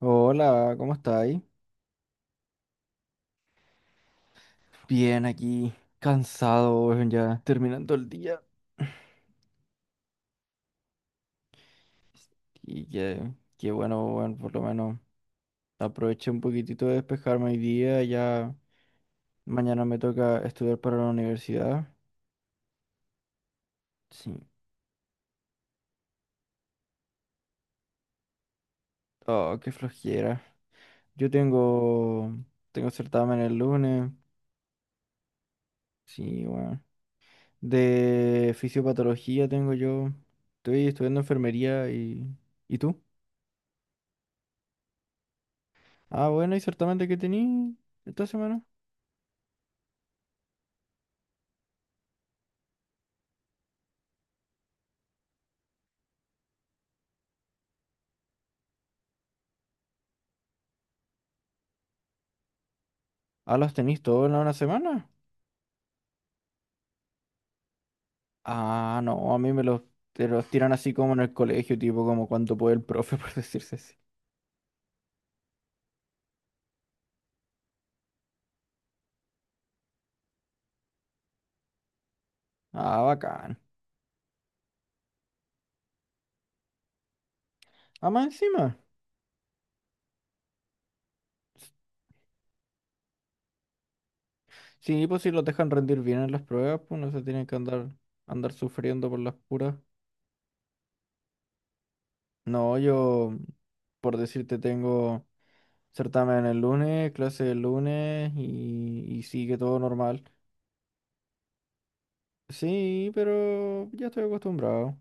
Hola, ¿cómo estáis? Bien, aquí, cansado, weón, ya terminando el día. Y que, Qué bueno, weón, por lo menos aproveché un poquitito de despejarme hoy día. Ya mañana me toca estudiar para la universidad. Sí. Oh, qué flojera. Yo tengo, Tengo certamen el lunes. Sí, bueno. De fisiopatología tengo yo. Estoy estudiando enfermería y... ¿Y tú? Ah, bueno, ¿y certamen de qué tení esta semana? Ah, los tenéis todos en una semana. Ah, no, a mí me los, te los tiran así como en el colegio, tipo como cuanto puede el profe, por decirse así. Ah, bacán. Ah, más encima. Sí, pues si los dejan rendir bien en las pruebas, pues no se tienen que andar, andar sufriendo por las puras. No, yo, Por decirte, tengo certamen el lunes, clase el lunes y sigue todo normal. Sí, pero ya estoy acostumbrado.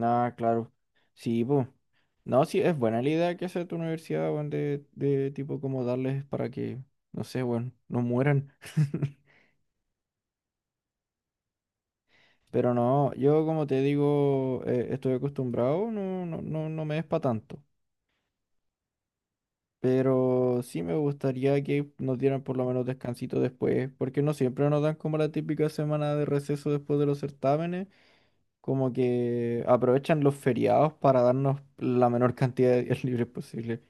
Ah, claro. Sí, pues. No, sí, es buena la idea que hace tu universidad, weón, de tipo como darles para que, no sé, weón, no mueran. Pero no, yo como te digo, estoy acostumbrado, no, no, no, no me es para tanto. Pero sí me gustaría que nos dieran por lo menos descansito después, porque no siempre nos dan como la típica semana de receso después de los certámenes, como que aprovechan los feriados para darnos la menor cantidad de días libres posible.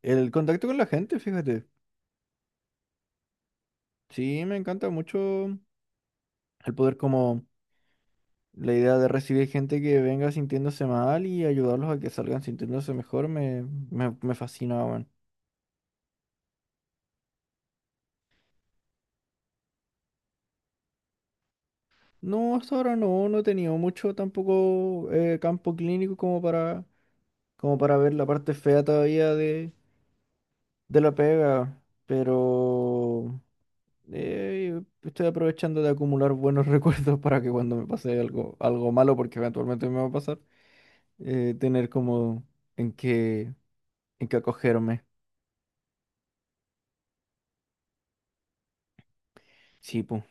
El contacto con la gente, fíjate. Sí, me encanta mucho el poder como la idea de recibir gente que venga sintiéndose mal y ayudarlos a que salgan sintiéndose mejor me fascina, weón. No, hasta ahora no, no he tenido mucho tampoco campo clínico como para, como para ver la parte fea todavía de la pega, pero estoy aprovechando de acumular buenos recuerdos para que cuando me pase algo malo, porque eventualmente me va a pasar tener como en qué, en qué acogerme. Sí, pues.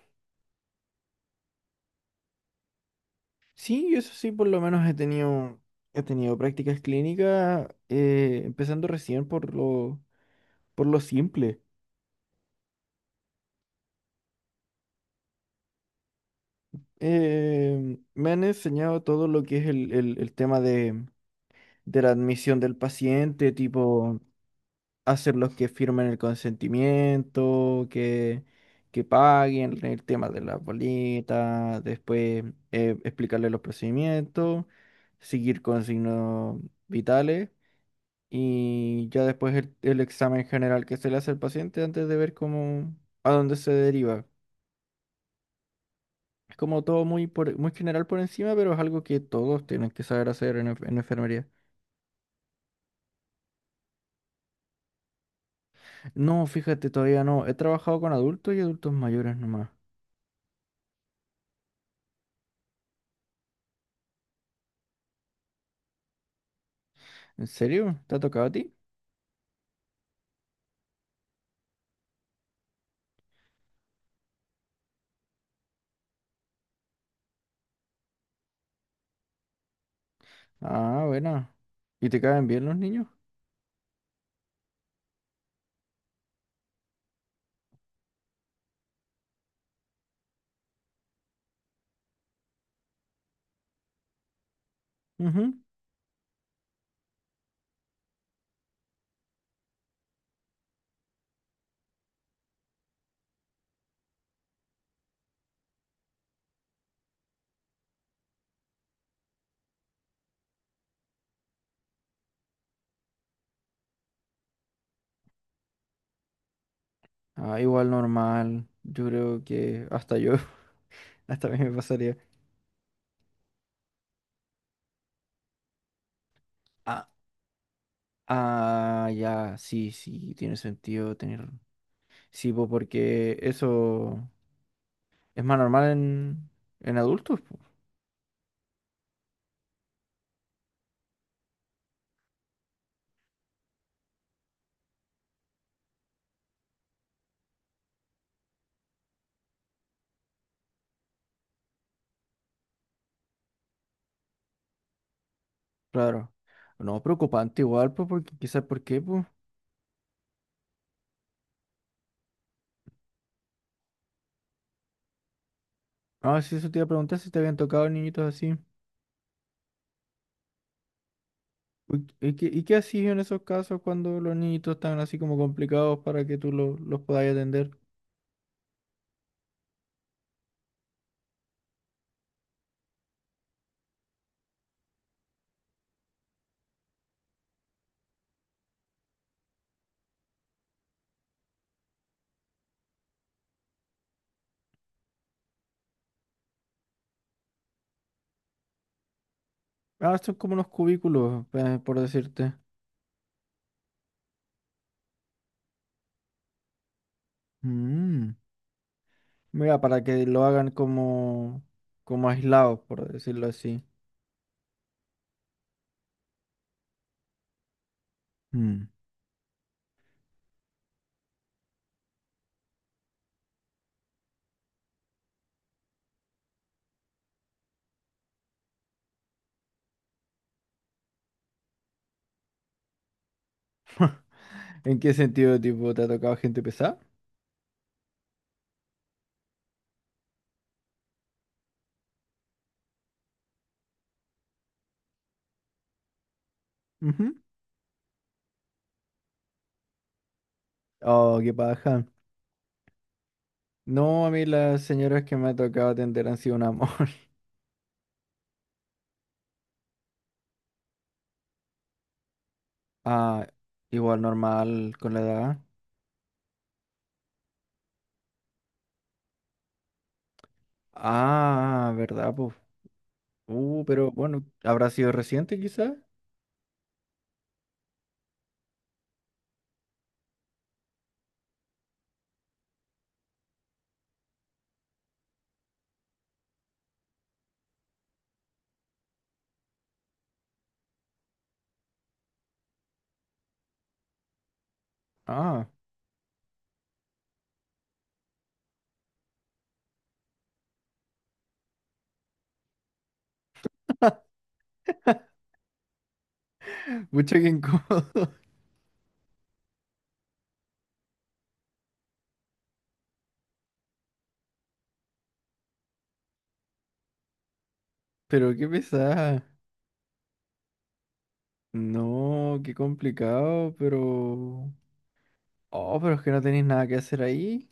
Sí, yo eso sí, por lo menos he tenido prácticas clínicas, empezando recién por lo simple. Me han enseñado todo lo que es el tema de la admisión del paciente, tipo hacer los que firmen el consentimiento, que paguen el tema de las bolitas, después explicarles los procedimientos, seguir con signos vitales y ya después el examen general que se le hace al paciente antes de ver cómo, a dónde se deriva. Es como todo muy, por, muy general por encima, pero es algo que todos tienen que saber hacer en enfermería. No, fíjate, todavía no. He trabajado con adultos y adultos mayores nomás. ¿En serio? ¿Te ha tocado a ti? Ah, bueno. ¿Y te caen bien los niños? Ujú. Ah, igual normal. Yo creo que hasta yo, hasta a mí me pasaría. Ah, ah, ya, sí, sí, tiene sentido tener. Sí, po, porque eso es más normal en adultos, po. Claro. No, preocupante igual, pues, porque quizás por qué, pues. Ah, sí, eso te iba a preguntar si te habían tocado niñitos así. Uy, ¿y qué, y qué hacías en esos casos cuando los niñitos están así como complicados para que tú los puedas atender? Ah, son como unos cubículos, por decirte. Mm, mira, para que lo hagan como, como aislados, por decirlo así. Mm. ¿En qué sentido, tipo, te ha tocado gente pesada? Ujú. Oh, qué paja. No, a mí las señoras que me ha tocado atender han sido un amor. Ah, igual normal con la edad. Ah, ¿verdad? Pues, pero bueno, ¿habrá sido reciente quizás? Ah, mucha que incómodo. Pero qué pesada. No, qué complicado, pero... Oh, pero es que no tenéis nada que hacer ahí.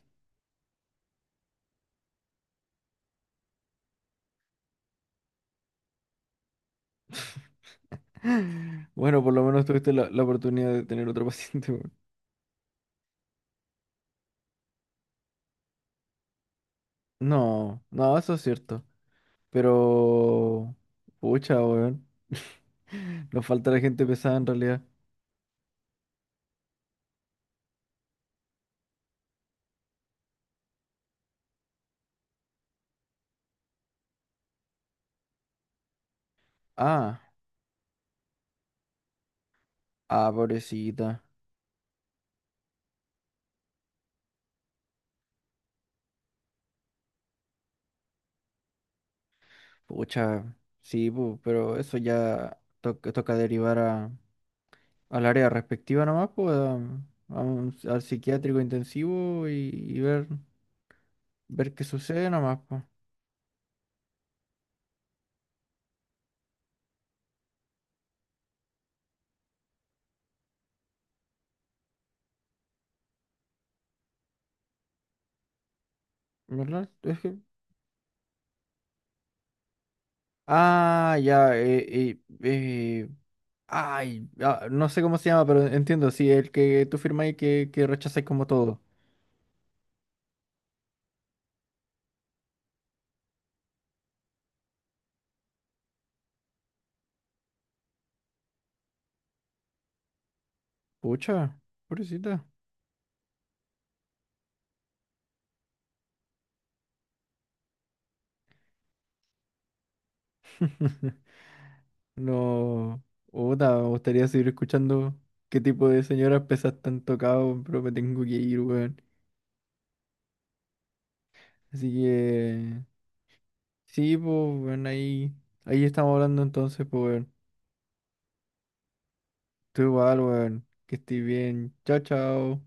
Bueno, por lo menos tuviste la oportunidad de tener otro paciente, weón. No, no, eso es cierto. Pero... Pucha, weón. Nos falta la gente pesada en realidad. Ah, ah, pobrecita. Pucha, sí, pu, pero eso ya toca derivar a, al área respectiva nomás, pues, al psiquiátrico intensivo y ver. Ver qué sucede nomás, pues. ¿Verdad? Es que... Ah, ya, eh, ay, ah, no sé cómo se llama, pero entiendo, sí, el que tú firmas y que rechazáis como todo. Pucha, pobrecita. No, puta, me gustaría seguir escuchando qué tipo de señoras pesas tan tocado, pero me tengo que ir, weón. Así que, sí, pues, weón, ahí estamos hablando entonces, pues, weón. Tú igual, weón, que estés bien. Chao, chao.